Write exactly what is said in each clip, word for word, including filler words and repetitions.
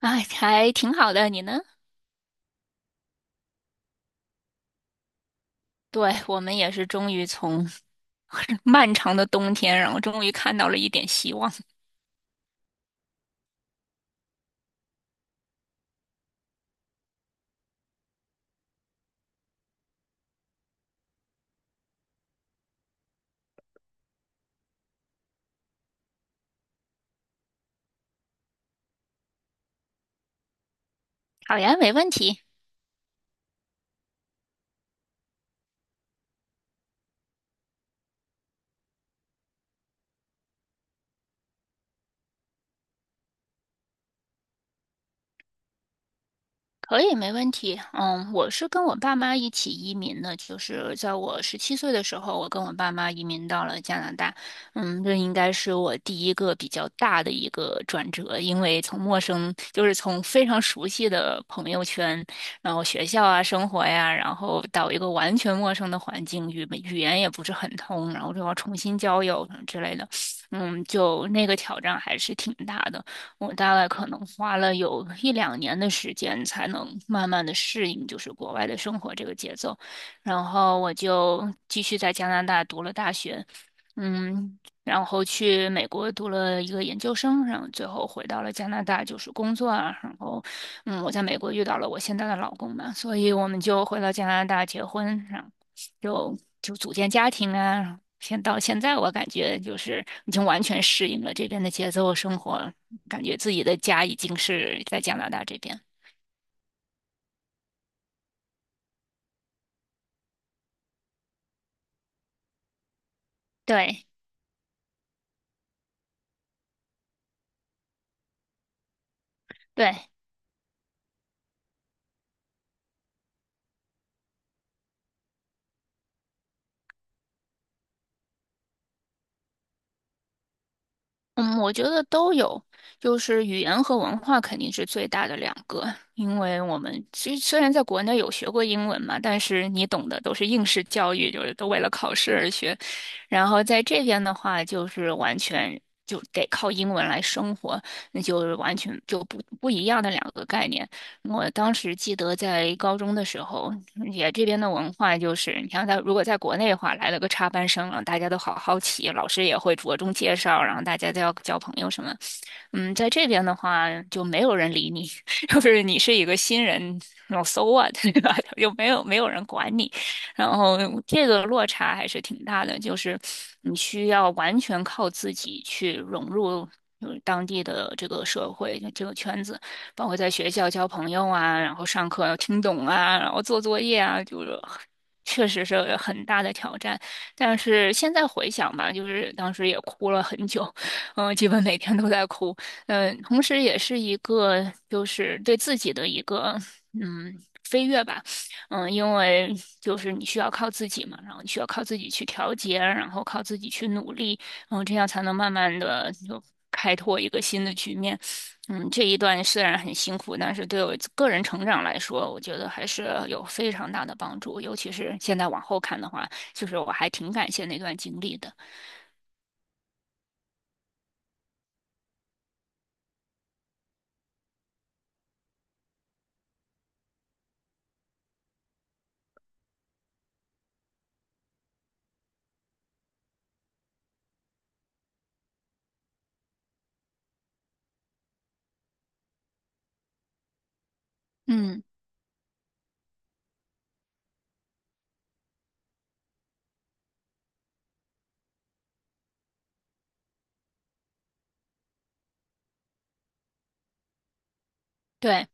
哎，还挺好的，你呢？对，我们也是终于从 漫长的冬天，然后终于看到了一点希望。好呀，没问题。可以，没问题。嗯，我是跟我爸妈一起移民的，就是在我十七岁的时候，我跟我爸妈移民到了加拿大。嗯，这应该是我第一个比较大的一个转折，因为从陌生，就是从非常熟悉的朋友圈，然后学校啊、生活呀，然后到一个完全陌生的环境，语语言也不是很通，然后就要重新交友什么之类的。嗯，就那个挑战还是挺大的。我大概可能花了有一两年的时间，才能慢慢的适应就是国外的生活这个节奏。然后我就继续在加拿大读了大学，嗯，然后去美国读了一个研究生，然后最后回到了加拿大就是工作啊。然后，嗯，我在美国遇到了我现在的老公嘛，所以我们就回到加拿大结婚，然后就就组建家庭啊，现到现在，我感觉就是已经完全适应了这边的节奏生活，感觉自己的家已经是在加拿大这边。对对，嗯，我觉得都有，就是语言和文化肯定是最大的两个，因为我们其实虽然在国内有学过英文嘛，但是你懂的都是应试教育，就是都为了考试而学，然后在这边的话，就是完全就得靠英文来生活，那就是完全就不不一样的两个概念。我当时记得在高中的时候，嗯也这边的文化就是，你像在如果在国内的话，来了个插班生啊，大家都好好奇，老师也会着重介绍，然后大家都要交朋友什么。嗯，在这边的话就没有人理你，就是你是一个新人，老 so what，对吧？就没有没有人管你，然后这个落差还是挺大的，就是你需要完全靠自己去融入。就是当地的这个社会，这个圈子，包括在学校交朋友啊，然后上课要听懂啊，然后做作业啊，就是确实是很大的挑战。但是现在回想吧，就是当时也哭了很久，嗯，基本每天都在哭，嗯，同时也是一个就是对自己的一个嗯飞跃吧，嗯，因为就是你需要靠自己嘛，然后你需要靠自己去调节，然后靠自己去努力，然后这样才能慢慢的就开拓一个新的局面。嗯，这一段虽然很辛苦，但是对我个人成长来说，我觉得还是有非常大的帮助。尤其是现在往后看的话，就是我还挺感谢那段经历的。嗯，对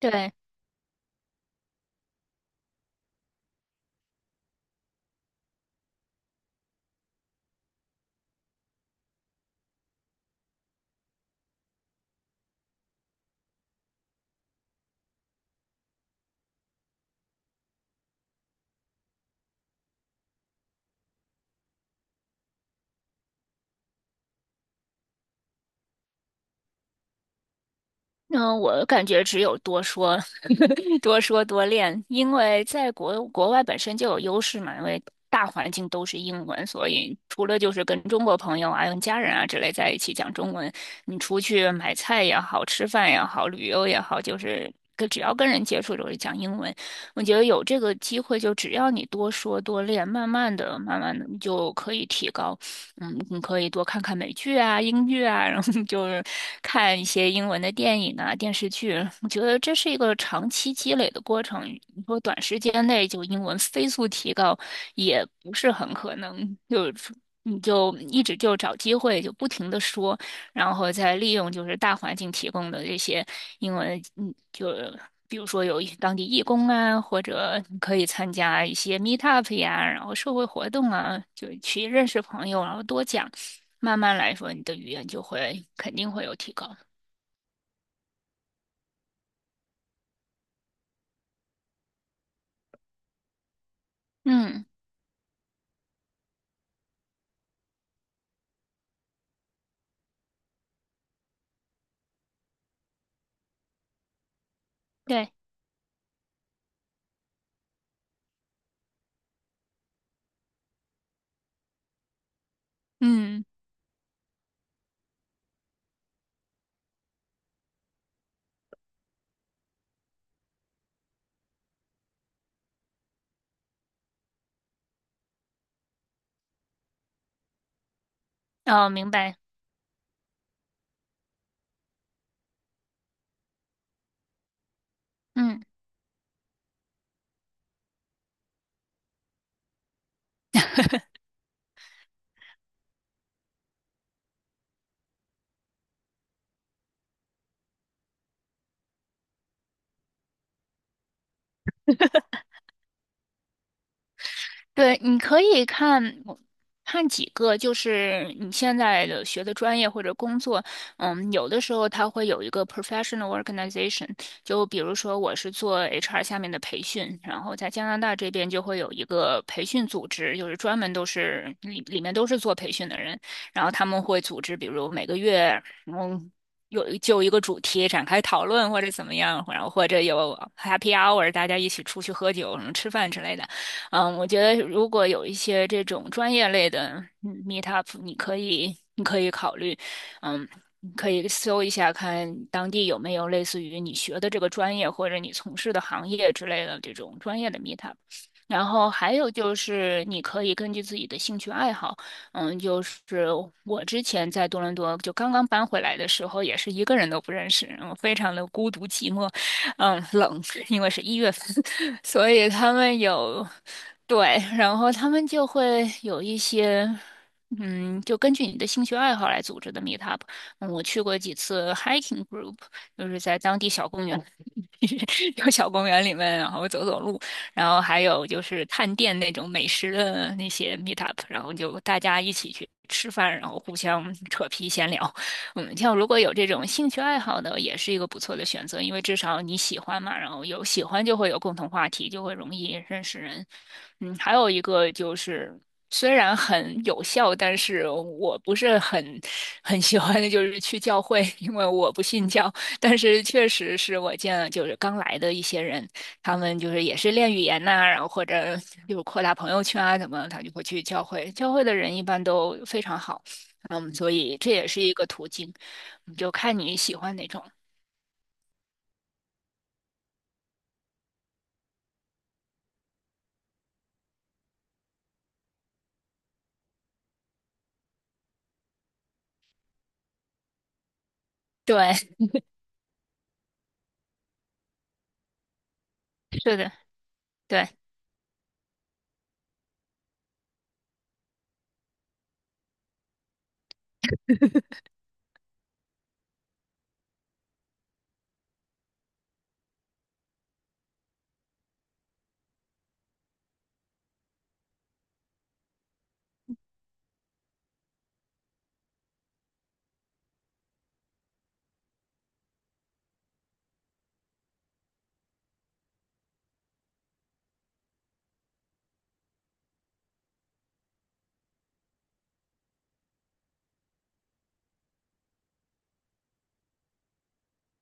对。嗯，我感觉只有多说，多说多练，因为在国国外本身就有优势嘛，因为大环境都是英文，所以除了就是跟中国朋友啊、跟家人啊之类在一起讲中文，你出去买菜也好、吃饭也好、旅游也好，就是跟只要跟人接触都是讲英文。我觉得有这个机会，就只要你多说多练，慢慢的、慢慢的，你就可以提高。嗯，你可以多看看美剧啊、英剧啊，然后就是看一些英文的电影啊、电视剧。我觉得这是一个长期积累的过程。你说短时间内就英文飞速提高，也不是很可能。就是你就一直就找机会，就不停的说，然后再利用就是大环境提供的这些因为嗯，就比如说有一当地义工啊，或者你可以参加一些 meet up 呀，然后社会活动啊，就去认识朋友，然后多讲，慢慢来说，你的语言就会肯定会有提高。嗯，对，嗯，哦，明白，嗯。对，你可以看看几个，就是你现在的学的专业或者工作，嗯，有的时候它会有一个 professional organization，就比如说我是做 H R 下面的培训，然后在加拿大这边就会有一个培训组织，就是专门都是里里面都是做培训的人，然后他们会组织，比如每个月，嗯。有就一个主题展开讨论，或者怎么样，然后或者有 happy hour，大家一起出去喝酒、什么吃饭之类的。嗯，我觉得如果有一些这种专业类的嗯 meetup，你可以你可以考虑，嗯，你可以搜一下看当地有没有类似于你学的这个专业或者你从事的行业之类的这种专业的 meetup。然后还有就是，你可以根据自己的兴趣爱好，嗯，就是我之前在多伦多就刚刚搬回来的时候，也是一个人都不认识，嗯，非常的孤独寂寞。嗯，冷，因为是一月份，所以他们有，对，然后他们就会有一些，嗯，就根据你的兴趣爱好来组织的 meetup。嗯，我去过几次 hiking group，就是在当地小公园，有小公园里面，然后走走路，然后还有就是探店那种美食的那些 meetup，然后就大家一起去吃饭，然后互相扯皮闲聊。嗯，像如果有这种兴趣爱好的，也是一个不错的选择，因为至少你喜欢嘛，然后有喜欢就会有共同话题，就会容易认识人。嗯，还有一个就是，虽然很有效，但是我不是很很喜欢的就是去教会，因为我不信教。但是确实是我见了就是刚来的一些人，他们就是也是练语言呐、然后或者就是扩大朋友圈啊，怎么，他就会去教会。教会的人一般都非常好。嗯，所以这也是一个途径，你就看你喜欢哪种。对，是的，对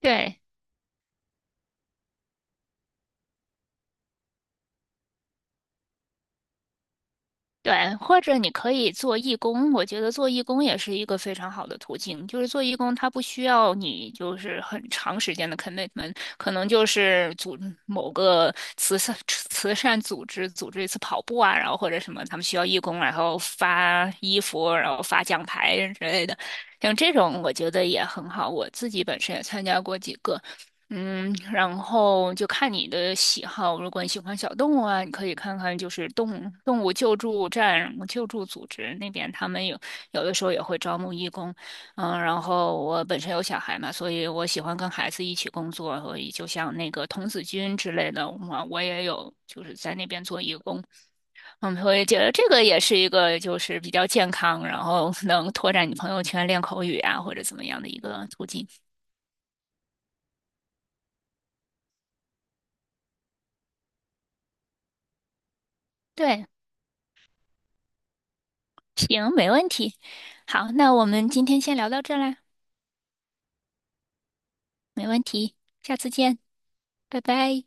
对对，或者你可以做义工，我觉得做义工也是一个非常好的途径。就是做义工，它不需要你就是很长时间的 commitment，可能就是组某个慈善慈善组织组织一次跑步啊，然后或者什么，他们需要义工，然后发衣服，然后发奖牌之类的。像这种，我觉得也很好。我自己本身也参加过几个。嗯，然后就看你的喜好。如果你喜欢小动物啊，你可以看看就是动动物救助站、救助组织那边，他们有有的时候也会招募义工。嗯，然后我本身有小孩嘛，所以我喜欢跟孩子一起工作，所以就像那个童子军之类的，我我也有就是在那边做义工。嗯，我也觉得这个也是一个就是比较健康，然后能拓展你朋友圈、练口语啊或者怎么样的一个途径。对，行，没问题。好，那我们今天先聊到这儿啦，没问题，下次见，拜拜。